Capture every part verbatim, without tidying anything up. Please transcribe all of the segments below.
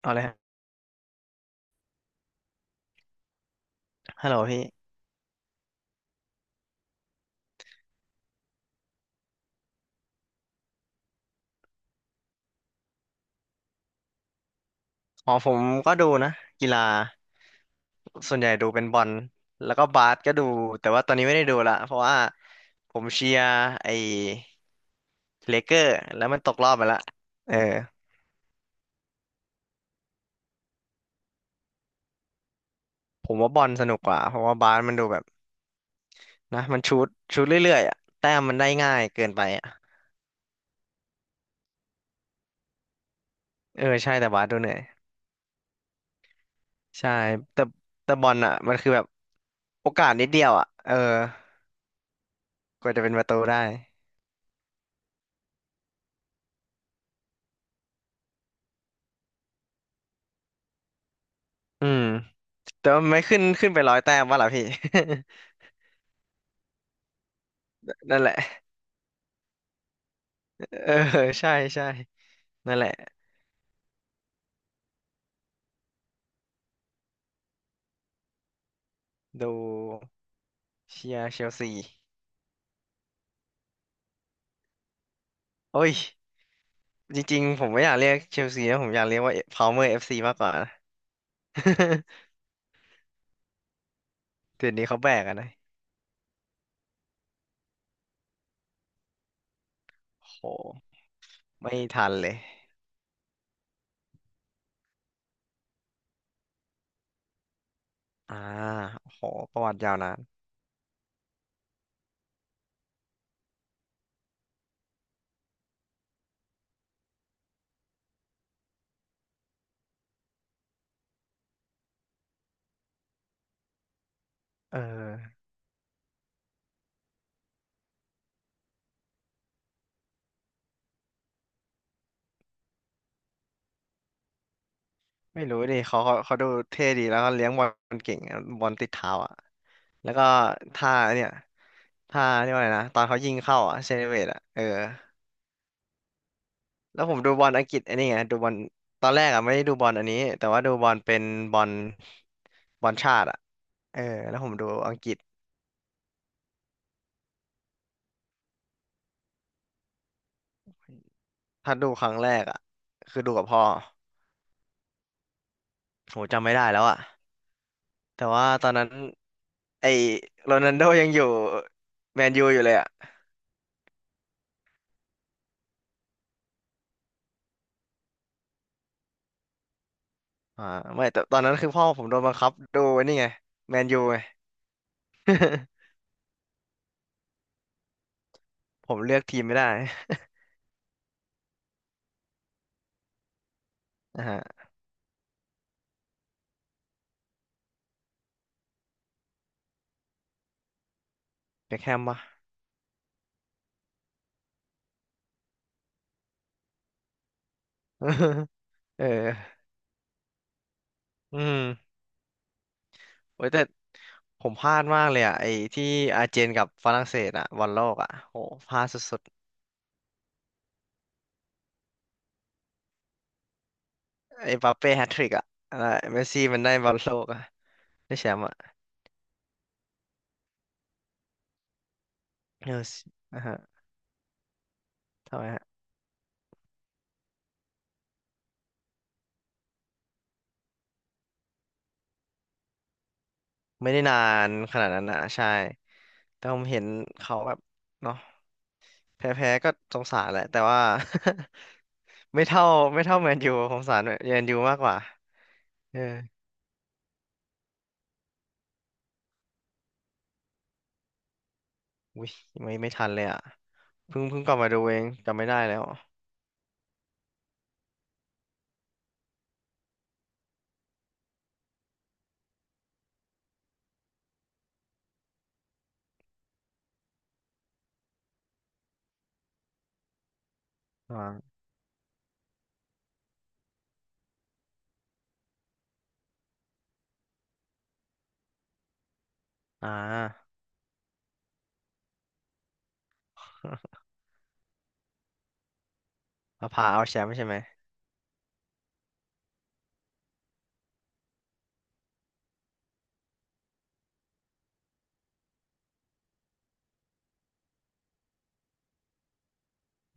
เอาเลยฮะฮัลโหลพี่อ๋อผมก็ดูนะกีฬาส่วนใหญ่ดูเป็นบอลแล้วก็บาสก็ดูแต่ว่าตอนนี้ไม่ได้ดูละเพราะว่าผมเชียร์ไอ้เลเกอร์แล้วมันตกรอบไปละเออผมว่าบอลสนุกกว่าเพราะว่าบาสมันดูแบบนะมันชูตชูตเรื่อยๆอะแต้มมันได้ง่ายเกินไปอะเออใช่แต่บาสดูเหนื่อยใช่แต่แต่บอลอ่ะมันคือแบบโอกาสนิดเดียวอ่ะเออกว่าจะเป็นประตูได้อืมแต่ว่ามันไม่ขึ้นขึ้นไปร้อยแต้มวะล่ะพี่ นั่นแหละ เออ ใช่ใช่นั่นแหละดูเชียร์เชลซีโอ้ยจริงๆผมไม่อยากเรียกเชลซีนะผมอยากเรียกว่าพาวเมอร์เอฟซีมากกว่านะ เดี๋ยวนี้เขาแบกอะนะโหไม่ทันเลยอ่าโหประวัติยาวนานเออไม่รู้ดิเขาเขาเขาดูเท่ดีแล้วก็เลี้ยงบอลเก่งอะบอลติดเท้าอ่ะแล้วก็ท่าเนี่ยท่าเรียกว่าอะไรนะตอนเขายิงเข้าอ่ะเซเลเบรตอ่ะเออ แล้วผมดูบอลอังกฤษไอันนี้ไงดูบอลตอนแรกอ่ะไม่ได้ดูบอลอันนี้แต่ว่าดูบอลเป็นบอลบอลชาติอ่ะเออแล้วผมดูอังกฤษถ้าดูครั้งแรกอ่ะคือดูกับพ่อโหจำไม่ได้แล้วอ่ะแต่ว่าตอนนั้นไอ้โรนัลโดยังอยู่แมนยูอยู่เลยอ่ะอ่าไม่แต่ตอนนั้นคือพ่อผมโดนบังคับดูไอันนี้ไงแมนยูไง ผมเลือกทีมไม่ได้ อ่าฮะเบคแฮมปะ เอออืม โอ้ยแต่ผมพลาดมากเลยอ่ะไอ้ที่อาร์เจนกับฝรั่งเศสอ่ะบอลโลกอ่ะโหพลาดสุดๆไอ้มบัปเป้แฮตทริกอ่ะแล้วเมสซี่มันได้บอลโลกอ่ะได้แชมป์อ่ะเออสอ่ะฮะทำไมฮะไม่ได้นานขนาดนั้นนะใช่แต่ผมเห็นเขาแบบเนาะแพ้ๆก็สงสารแหละแต่ว่า ไม่เท่าไม่เท่าแมนยูผมสงสารแมนยูมากกว่าเอออุ้ยไม่ไม่ทันเลยอ่ะเพิ่งเพิ่งกลับมาดูเองจำไม่ได้แล้วอ่าอ่า มะพร้าวแชมป์ใช่ไหม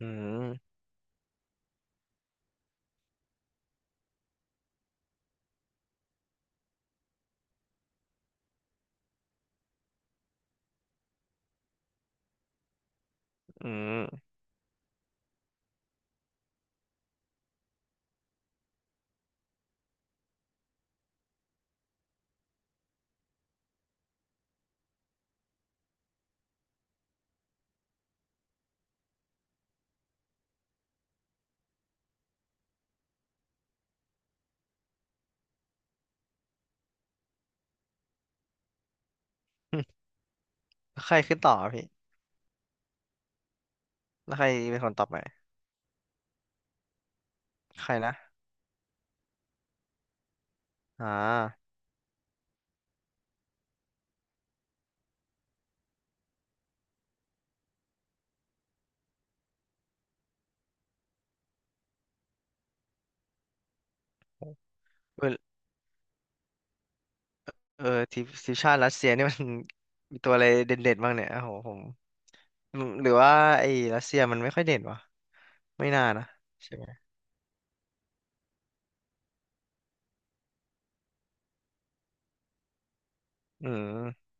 อืมอืม ใครขึ้นต่อพี่แล้วใครเป็นคนต่อไปใครนะอ่าเออเออทีมทีมชาติรัสเซียนี่มัน มีตัวอะไรเด่นๆบ้างเนี่ยโอ้โหผมหรือหรือว่าไอ้รัสเซียมันไม่ค่อยเด่นวะไม่น่านะใช่ไหมอืม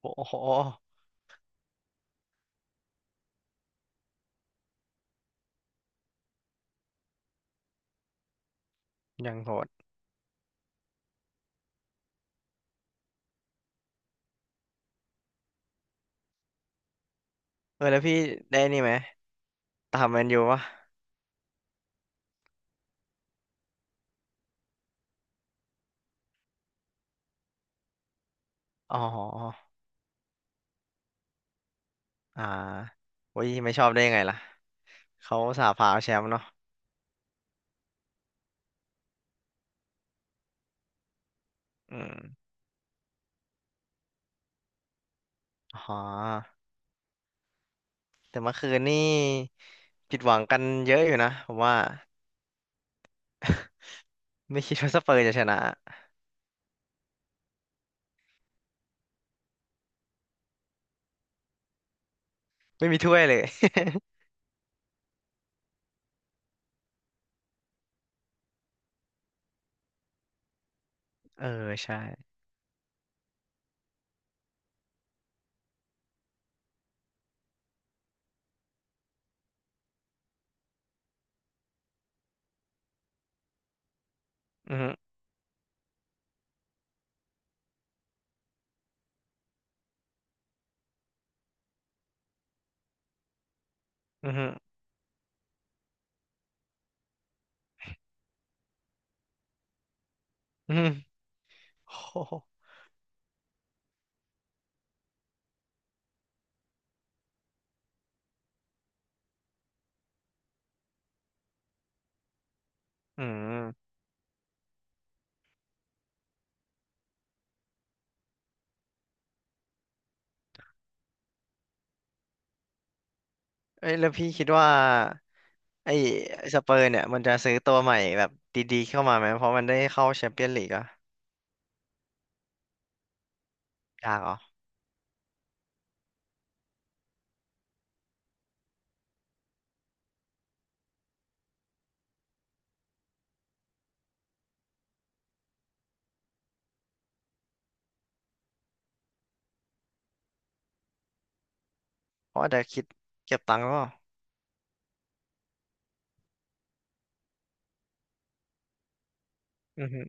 โอ้โหยังโหดเออแล้วพี่ได้นี่ไหมตามแมนยูวะอ๋ออ่าโอ้ยไม่ชอบได้ยังไงล่ะเขาสาพาเอาแชมป์เนาะอืมอ๋อ แต่เมื่อคืนนี่ผิดหวังกันเยอะอยู่นะผมว่าไม่คิดว่าสเปอร์จะชนะไม่มีถ้วยเลย เออใช่อือฮึอือฮึอือฮึโอ้โหอืมเอ้ยแล้วพี่คิดว่าไอ้สเปอร์เนี่ยมันจะซื้อตัวใหม่แบบดีๆเข้ามาไหมเพราะมันได้เข้าแชมเปี้ยนลีกอะยากเหรอเพราะอาจจะคิดเก็บตังค์ก็อือฮึ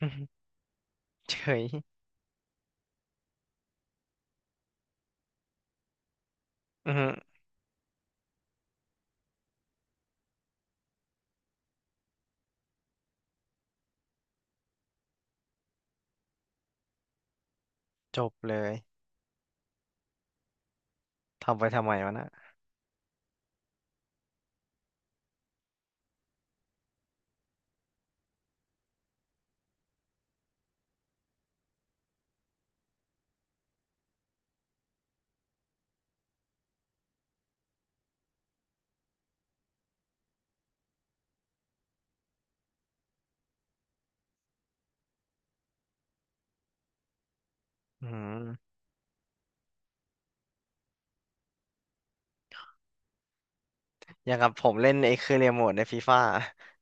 อือฮึเฉยอือฮึจบเลยทำไปทำไมวะน่ะอืมอย่างกับผมเล่นไอ้เครือเรียโมทในฟีฟ่า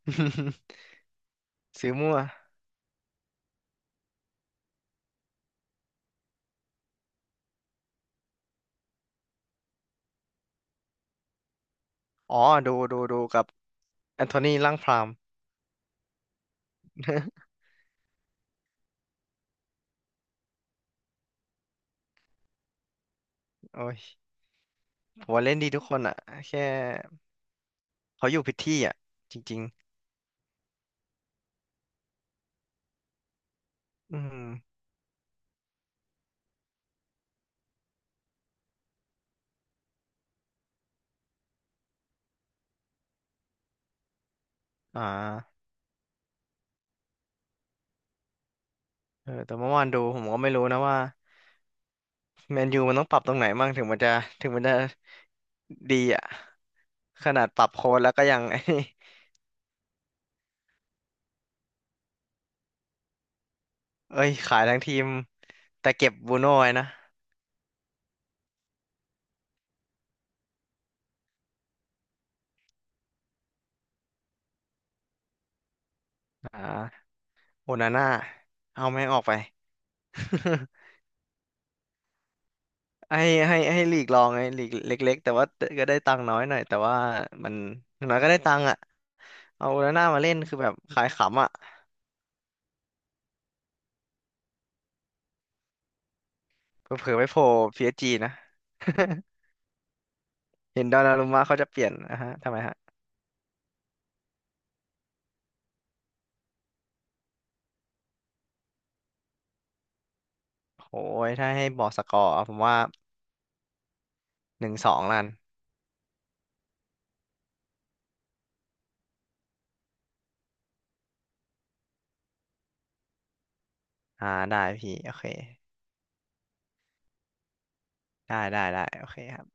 ซื้อมั่วอ๋อดูดูดูกับแอน โทนีล่างพราม โอ้ยผมว่าเล่นดีทุกคนอ่ะแค่เขาอยู่ผิดที่อ่ะจริงๆอืมอ่าเออแต่เมื่อวานดูผมก็ไม่รู้นะว่าแมนยูมันต้องปรับตรงไหนบ้างถึงมันจะถึงมันจะดีอ่ะขนาดปรับโค้ดแล้วก็ยัง ไอ้นี่เอ้ยขายทั้งทีมแต่เก็บบูโน่ไว้นะอ่าโอนาน่า เอาแม่งออกไป ให้ให้ให้ลีกลองไงลีกเล็กๆแต่ว่าก็ได้ตังค์น้อยหน่อยแต่ว่ามันอย่างน้อยก็ได้ตังค์อ่ะเอาโอนาน่ามาเล่นคือแบบขายขำอ่ะเผลอๆไปโผล่ พี เอส จี นะ เห็นดอนนารุมะเขาจะเปลี่ยนนะฮะทำไมฮะโอ้ยถ้าให้บอกสกอร์ผมว่าหนึ่งสองลันอ่าได้พี่โอเคได้ได้ได้โอเคครับ